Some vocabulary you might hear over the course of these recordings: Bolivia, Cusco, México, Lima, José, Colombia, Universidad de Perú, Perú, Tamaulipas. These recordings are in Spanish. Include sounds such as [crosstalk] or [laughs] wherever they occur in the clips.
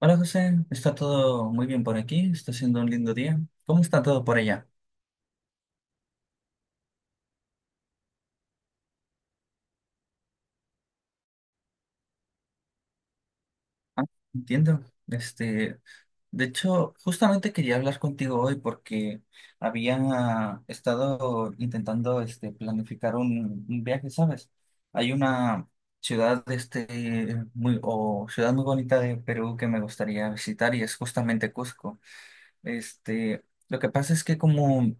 Hola José, está todo muy bien por aquí, está siendo un lindo día. ¿Cómo está todo por allá? Ah, entiendo. De hecho, justamente quería hablar contigo hoy porque había estado intentando planificar un viaje, ¿sabes? Hay una ciudad o ciudad muy bonita de Perú que me gustaría visitar y es justamente Cusco. Este, lo que pasa es que, como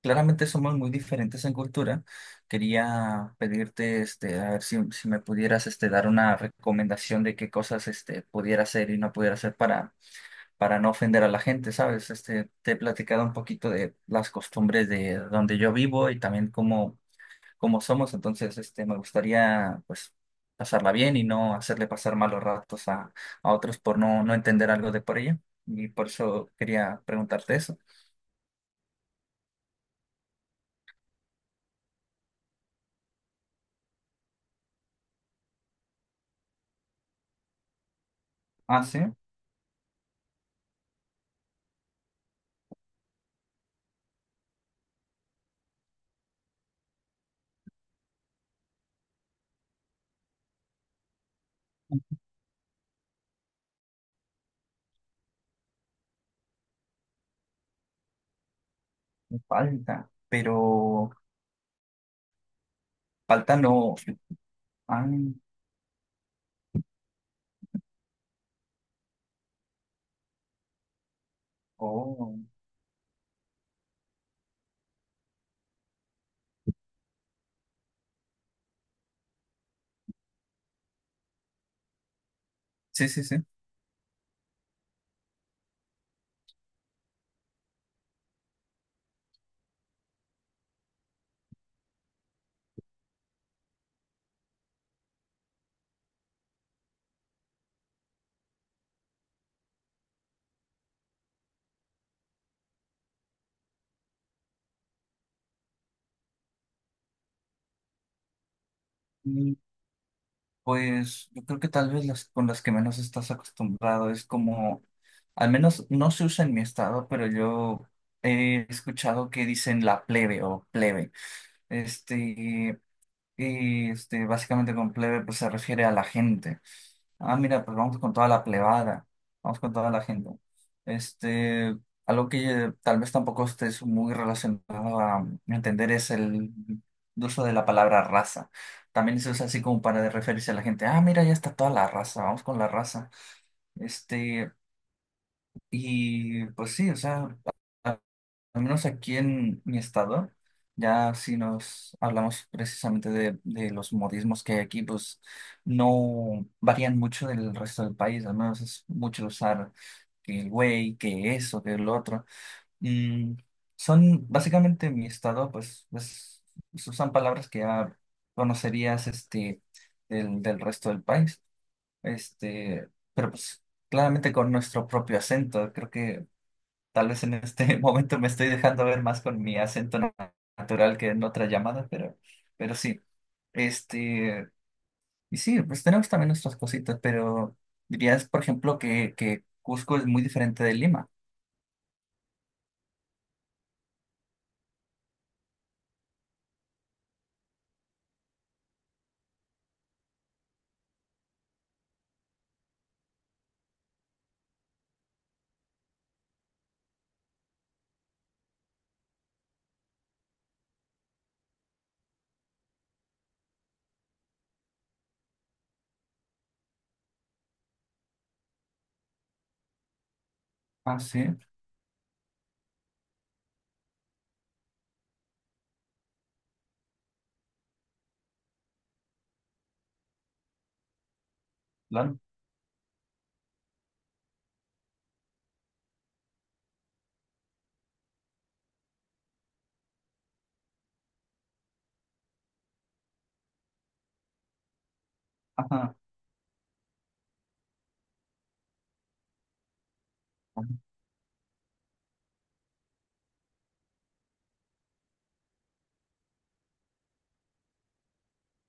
claramente somos muy diferentes en cultura, quería pedirte, este, a ver si me pudieras, este, dar una recomendación de qué cosas, este, pudiera hacer y no pudiera hacer para no ofender a la gente, ¿sabes? Este, te he platicado un poquito de las costumbres de donde yo vivo y también cómo somos. Entonces, este, me gustaría, pues, pasarla bien y no hacerle pasar malos ratos a otros por no entender algo de por ella. Y por eso quería preguntarte eso. Ah, sí, me falta, pero... Falta no. Ah, oh. Sí, sí, sí. Mm, pues yo creo que tal vez las con las que menos estás acostumbrado es como, al menos no se usa en mi estado, pero yo he escuchado que dicen la plebe o plebe. Este, básicamente con plebe pues se refiere a la gente. Ah, mira, pues vamos con toda la plebada, vamos con toda la gente. Este, algo que tal vez tampoco estés muy relacionado a entender es el uso de la palabra raza. También se usa así como para referirse a la gente. Ah, mira, ya está toda la raza, vamos con la raza. Este, y pues sí, o sea, al menos aquí en mi estado, ya si nos hablamos precisamente de los modismos que hay aquí, pues no varían mucho del resto del país, al menos es mucho usar que el güey, que eso, que el otro. Mm, son básicamente en mi estado, pues se usan palabras que ya conocerías este, del resto del país, este, pero pues claramente con nuestro propio acento, creo que tal vez en este [laughs] momento me estoy dejando ver más con mi acento natural que en otra llamada, pero sí. Este, y sí, pues tenemos también nuestras cositas, pero dirías, por ejemplo, que Cusco es muy diferente de Lima. Ah, sí, claro. Ajá. Guau,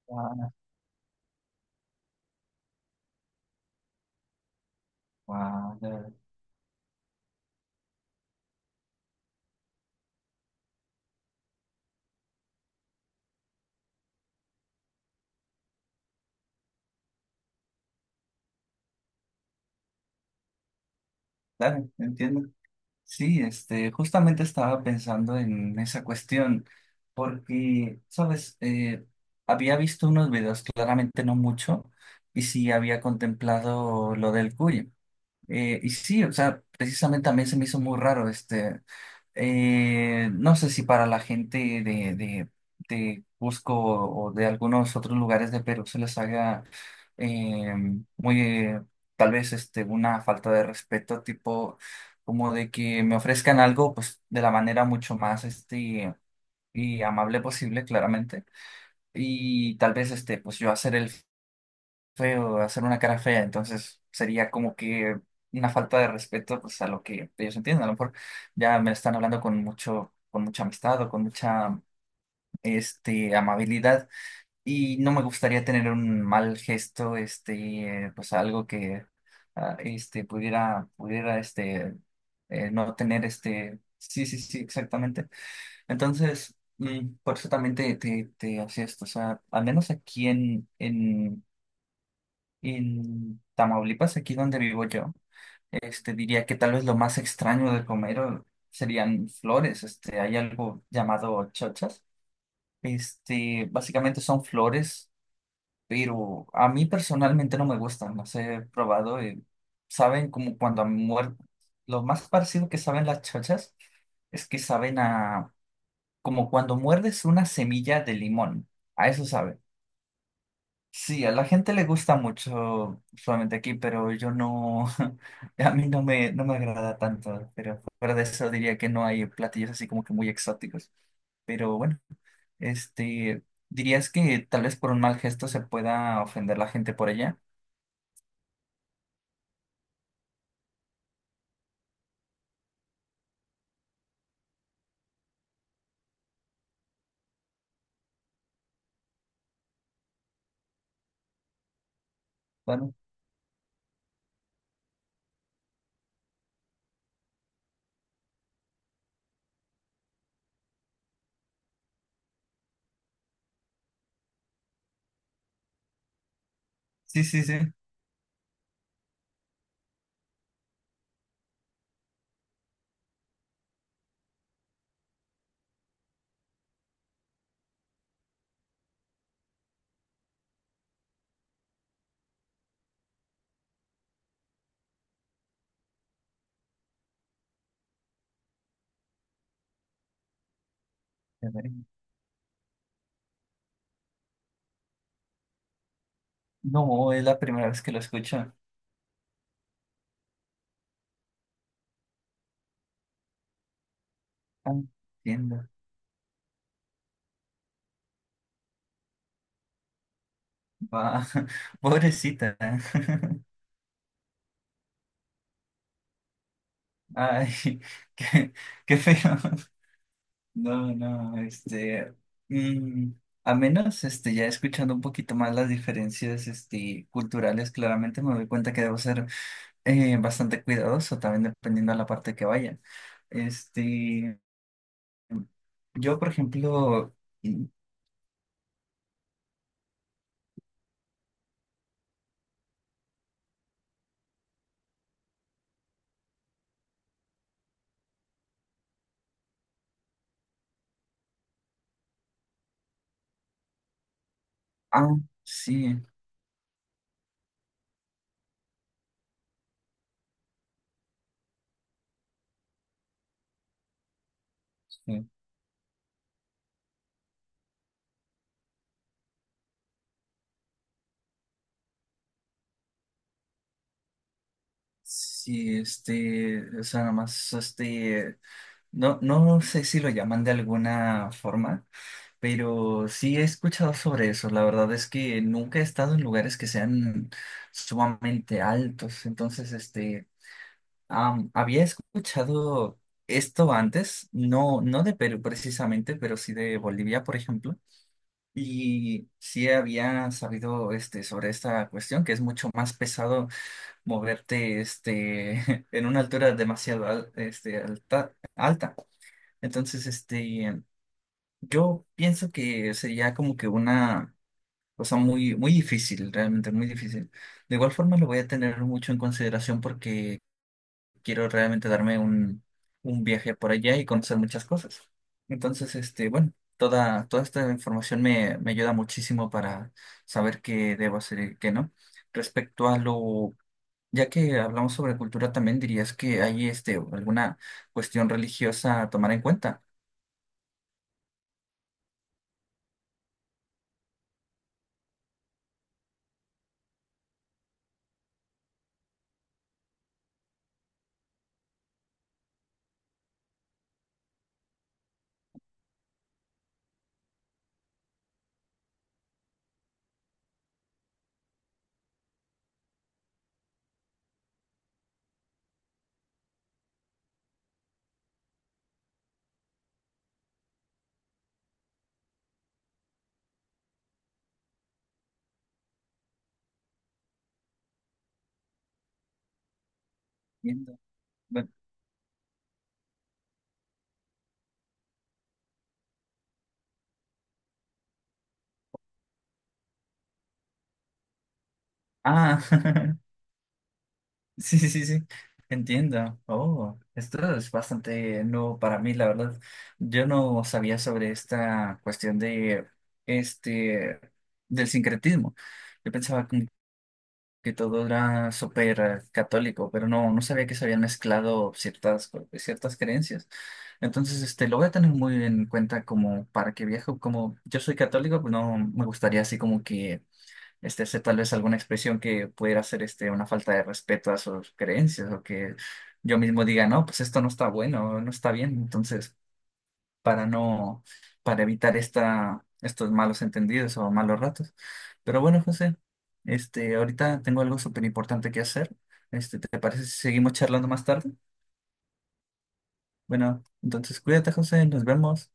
guau, guau, claro, entiendo. Sí, este, justamente estaba pensando en esa cuestión, porque, sabes, había visto unos videos, claramente no mucho, y sí había contemplado lo del cuyo. Y sí, o sea, precisamente también se me hizo muy raro, este, no sé si para la gente de, de, de Cusco o de algunos otros lugares de Perú se les haga eh, muy, eh, tal vez este, una falta de respeto, tipo como de que me ofrezcan algo pues de la manera mucho más este, y amable posible, claramente. Y tal vez este, pues yo hacer el feo, hacer una cara fea, entonces sería como que una falta de respeto pues a lo que ellos entienden. A lo mejor ya me están hablando con mucha amistad o con mucha este amabilidad y no me gustaría tener un mal gesto, este, pues algo que ah, este pudiera este no tener este sí, sí, sí, exactamente. Entonces, mm, por eso también te hacía esto. O sea, al menos aquí en Tamaulipas, aquí donde vivo yo, este, diría que tal vez lo más extraño de comer serían flores. Este, hay algo llamado chochas. Este, básicamente son flores, pero a mí personalmente no me gustan. Las he probado y saben como cuando han muerto. Lo más parecido que saben las chochas es que saben a como cuando muerdes una semilla de limón. A eso saben. Sí, a la gente le gusta mucho solamente aquí, pero yo no, [laughs] a mí no me agrada tanto, pero fuera de eso diría que no hay platillos así como que muy exóticos, pero bueno, este, ¿dirías que tal vez por un mal gesto se pueda ofender la gente por ella? Bueno, sí, sí, sí. A ver, no, es la primera vez que lo escucho. Ah, entiendo. Va, [laughs] pobrecita. [laughs] Ay, qué, qué feo. No, no, este, mm, a menos, este, ya escuchando un poquito más las diferencias, este, culturales, claramente me doy cuenta que debo ser bastante cuidadoso también dependiendo de la parte que vaya. Este, yo, por ejemplo, mm, ah, sí, sí, sí, este, o sea, nada más, este, no sé si lo llaman de alguna forma. Pero sí he escuchado sobre eso. La verdad es que nunca he estado en lugares que sean sumamente altos. Entonces, este, am, había escuchado esto antes, no de Perú precisamente, pero sí de Bolivia, por ejemplo. Y sí había sabido este, sobre esta cuestión, que es mucho más pesado moverte este, [laughs] en una altura demasiado este, alta. Entonces, este, yo pienso que sería como que una cosa muy, muy difícil, realmente muy difícil. De igual forma lo voy a tener mucho en consideración porque quiero realmente darme un viaje por allá y conocer muchas cosas. Entonces, este, bueno, toda esta información me ayuda muchísimo para saber qué debo hacer y qué no. Respecto a lo, ya que hablamos sobre cultura, también dirías que hay este, alguna cuestión religiosa a tomar en cuenta. Entiendo. Bueno, ah, [laughs] sí, sí, sí, sí. Entiendo. Oh, esto es bastante nuevo para mí, la verdad. Yo no sabía sobre esta cuestión de este del sincretismo. Yo pensaba como que todo era súper católico, pero no, no sabía que se habían mezclado ciertas creencias. Entonces, este, lo voy a tener muy en cuenta como para que viaje, como yo soy católico, pues no me gustaría así como que este, hacer tal vez alguna expresión que pudiera ser este, una falta de respeto a sus creencias o que yo mismo diga, no, pues esto no está bueno, no está bien. Entonces, para no, para evitar esta, estos malos entendidos o malos ratos. Pero bueno, José, este, ahorita tengo algo súper importante que hacer. Este, ¿te parece si seguimos charlando más tarde? Bueno, entonces cuídate, José, nos vemos.